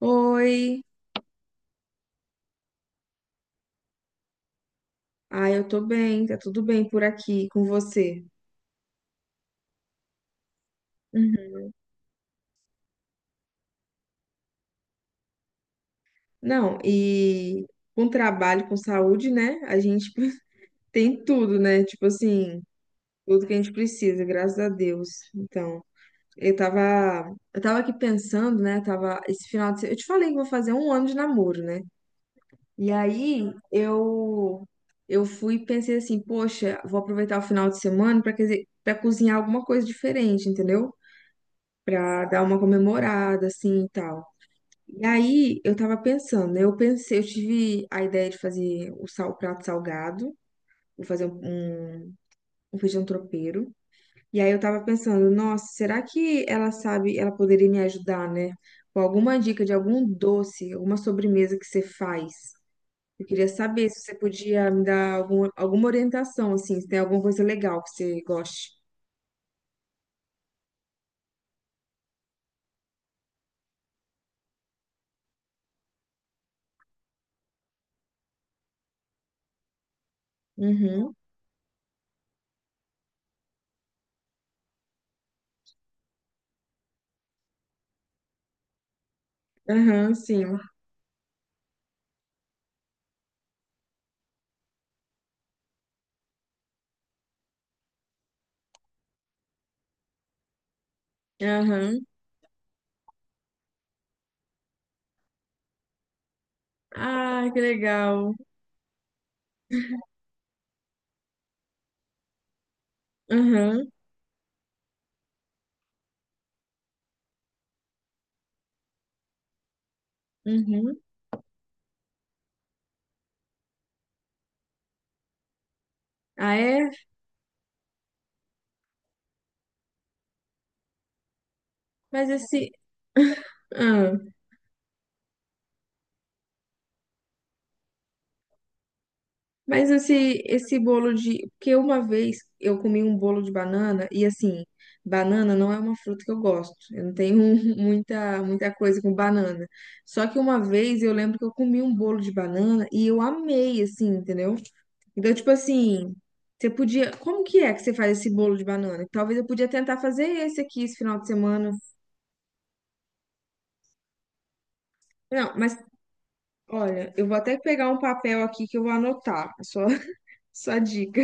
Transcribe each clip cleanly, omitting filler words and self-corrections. Oi, eu tô bem, tá tudo bem por aqui com você. Uhum. Não, e com trabalho, com saúde, né? A gente tem tudo, né? Tipo assim, tudo que a gente precisa, graças a Deus. Então, eu tava aqui pensando, né? Tava esse final de semana, eu te falei que vou fazer um ano de namoro, né? E aí eu fui e pensei assim, poxa, vou aproveitar o final de semana para cozinhar alguma coisa diferente, entendeu? Pra dar uma comemorada, assim, e tal. E aí, eu tava pensando, né? Eu pensei, eu tive a ideia de fazer o sal, o prato salgado, vou fazer um feijão tropeiro. E aí, eu tava pensando, nossa, será que ela sabe, ela poderia me ajudar, né? Com alguma dica de algum doce, alguma sobremesa que você faz. Eu queria saber se você podia me dar alguma orientação, assim, se tem alguma coisa legal que você goste. Uhum. Aham, sim. Aham. Ah, que legal. Uhum, uhum. Ah, é? Mas esse. ah, mas esse bolo de. Porque uma vez eu comi um bolo de banana, e assim, banana não é uma fruta que eu gosto. Eu não tenho muita, muita coisa com banana. Só que uma vez eu lembro que eu comi um bolo de banana e eu amei, assim, entendeu? Então, tipo assim, você podia. Como que é que você faz esse bolo de banana? Talvez eu podia tentar fazer esse aqui esse final de semana. Não, mas olha, eu vou até pegar um papel aqui que eu vou anotar. Só dica.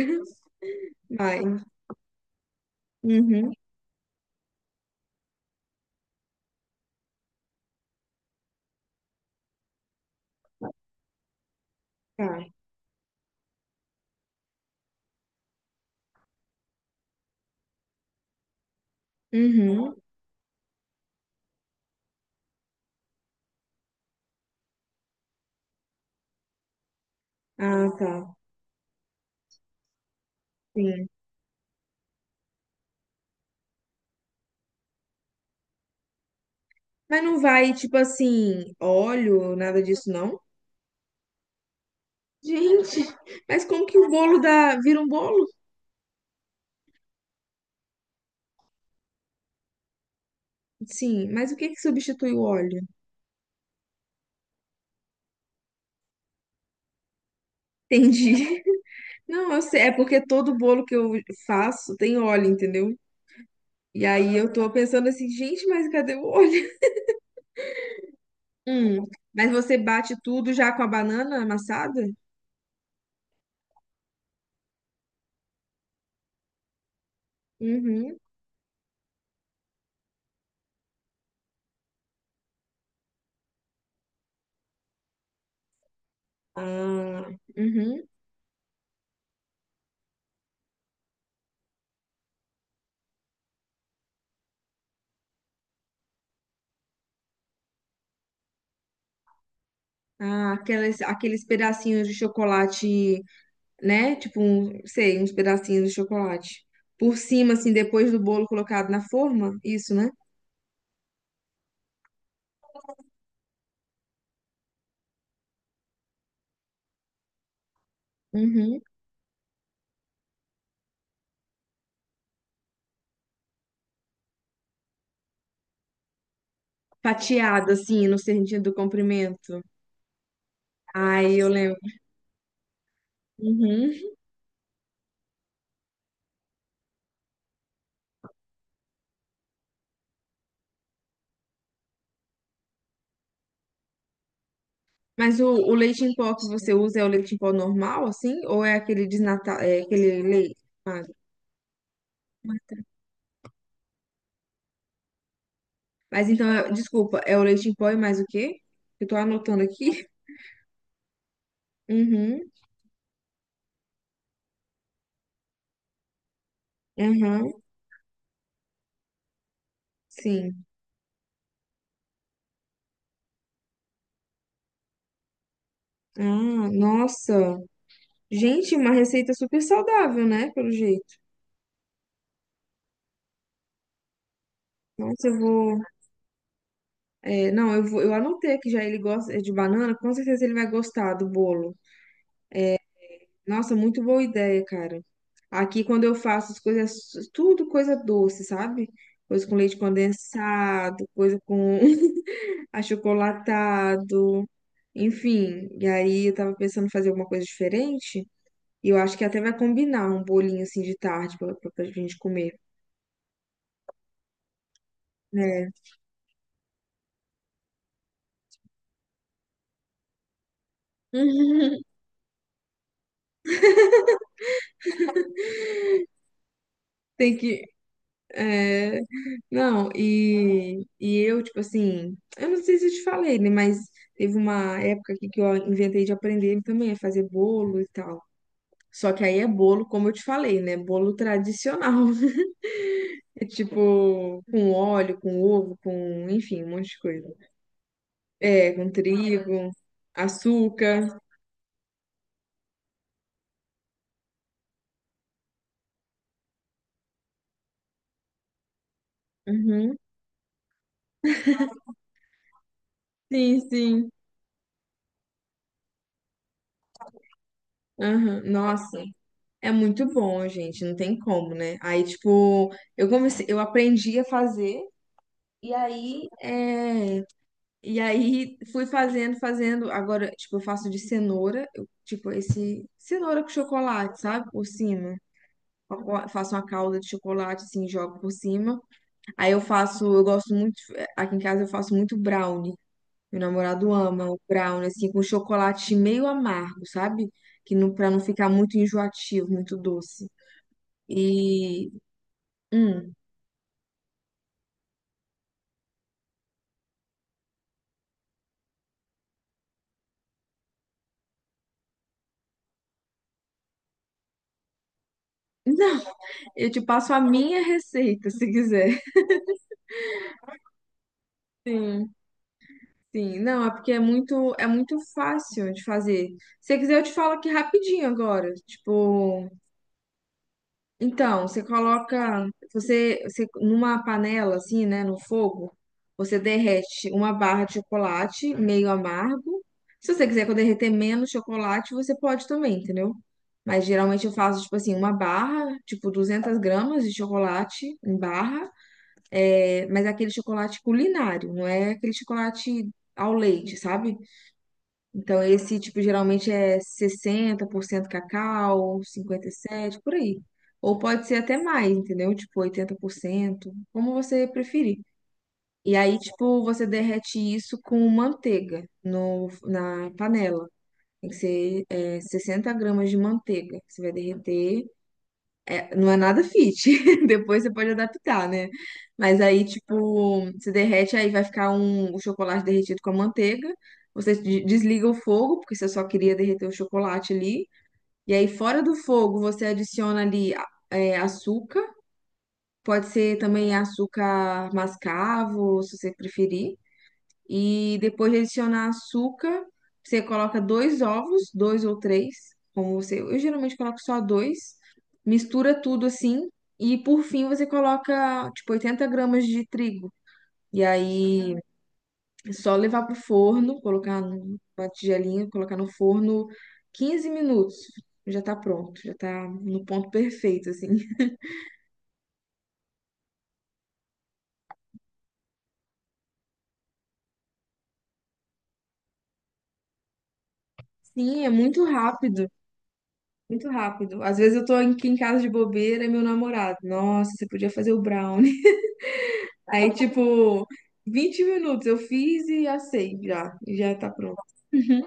Vai. Uhum. Tá. Uhum. Ah, tá. Sim. Mas não vai, tipo assim, óleo, nada disso, não? Gente, mas como que o bolo dá, vira um bolo? Sim, mas o que que substitui o óleo? Entendi. Não, eu sei, é porque todo bolo que eu faço tem óleo, entendeu? E aí eu tô pensando assim, gente, mas cadê o óleo? Hum, mas você bate tudo já com a banana amassada? Uhum. Ah, uhum. Ah, aqueles pedacinhos de chocolate, né? Tipo, um, sei, uns pedacinhos de chocolate. Por cima, assim, depois do bolo colocado na forma, isso, né? Uhum. Fatiado, assim, no sentido do comprimento. Ai, eu lembro. Uhum. Mas o leite em pó que você usa é o leite em pó normal, assim? Ou é aquele desnatado, é aquele leite? Ah, mas então, desculpa, é o leite em pó e mais o quê? Eu tô anotando aqui. Uhum, aham, sim. Ah, nossa. Gente, uma receita super saudável, né? Pelo jeito. Nossa, eu vou. Não, eu vou, eu anotei que já ele gosta é de banana, com certeza ele vai gostar do bolo. Nossa, muito boa ideia, cara. Aqui, quando eu faço as coisas, tudo coisa doce, sabe? Coisa com leite condensado, coisa com achocolatado, enfim. E aí, eu tava pensando em fazer alguma coisa diferente. E eu acho que até vai combinar um bolinho assim de tarde pra gente comer. Né? Tem que. é, Não, e eu, tipo assim, eu não sei se eu te falei, né? Mas teve uma época aqui que eu inventei de aprender também a fazer bolo e tal. Só que aí é bolo, como eu te falei, né? Bolo tradicional. É tipo, com óleo, com ovo, com, enfim, um monte de coisa. É, com trigo, açúcar. Uhum. Sim, sim. Aham. Nossa, é muito bom, gente. Não tem como, né? Aí, tipo, eu comecei, eu aprendi a fazer. E aí, e aí fui fazendo. Agora, tipo, eu faço de cenoura, tipo, esse cenoura com chocolate, sabe? Por cima. Eu faço uma calda de chocolate, assim, jogo por cima. Aí eu faço, eu gosto muito, aqui em casa eu faço muito brownie. Meu namorado ama o brownie, assim, com chocolate meio amargo, sabe? Que não, pra não ficar muito enjoativo, muito doce. E. Hum, não, eu te passo a minha receita, se quiser. Sim. Sim, não, é porque é é muito fácil de fazer. Se você quiser, eu te falo aqui rapidinho agora. Tipo, então, você coloca, você numa panela assim, né, no fogo, você derrete uma barra de chocolate meio amargo. Se você quiser que eu derreter menos chocolate, você pode também, entendeu? Mas geralmente eu faço, tipo assim, uma barra, tipo 200 gramas de chocolate em barra, é, mas é aquele chocolate culinário, não é aquele chocolate ao leite, sabe? Então, esse tipo geralmente é 60% cacau, 57 por aí. Ou pode ser até mais, entendeu? Tipo, 80% como você preferir. E aí, tipo, você derrete isso com manteiga no, na panela. Tem que ser, 60 gramas de manteiga. Você vai derreter não é nada fit. Depois você pode adaptar, né? Mas aí, tipo, se derrete, aí vai ficar um, o chocolate derretido com a manteiga. Você desliga o fogo, porque você só queria derreter o chocolate ali. E aí, fora do fogo, você adiciona ali açúcar. Pode ser também açúcar mascavo, se você preferir. E depois de adicionar açúcar, você coloca dois ovos, dois ou três, como você. Eu geralmente coloco só dois, mistura tudo assim, e por fim você coloca tipo 80 gramas de trigo. E aí é só levar pro forno, colocar numa tigelinha, colocar no forno 15 minutos. Já tá pronto, já tá no ponto perfeito, assim. Sim, é muito rápido. Muito rápido. Às vezes eu tô aqui em casa de bobeira e meu namorado, nossa, você podia fazer o brown. Aí, tipo, 20 minutos eu fiz e assei já. E já tá pronto. Uhum.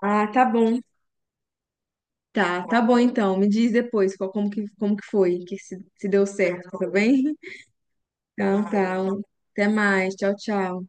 Ah, tá bom. Tá, tá bom então. Me diz depois qual, como que foi, que se deu certo, tá bem? Então tá. Um, até mais. Tchau, tchau.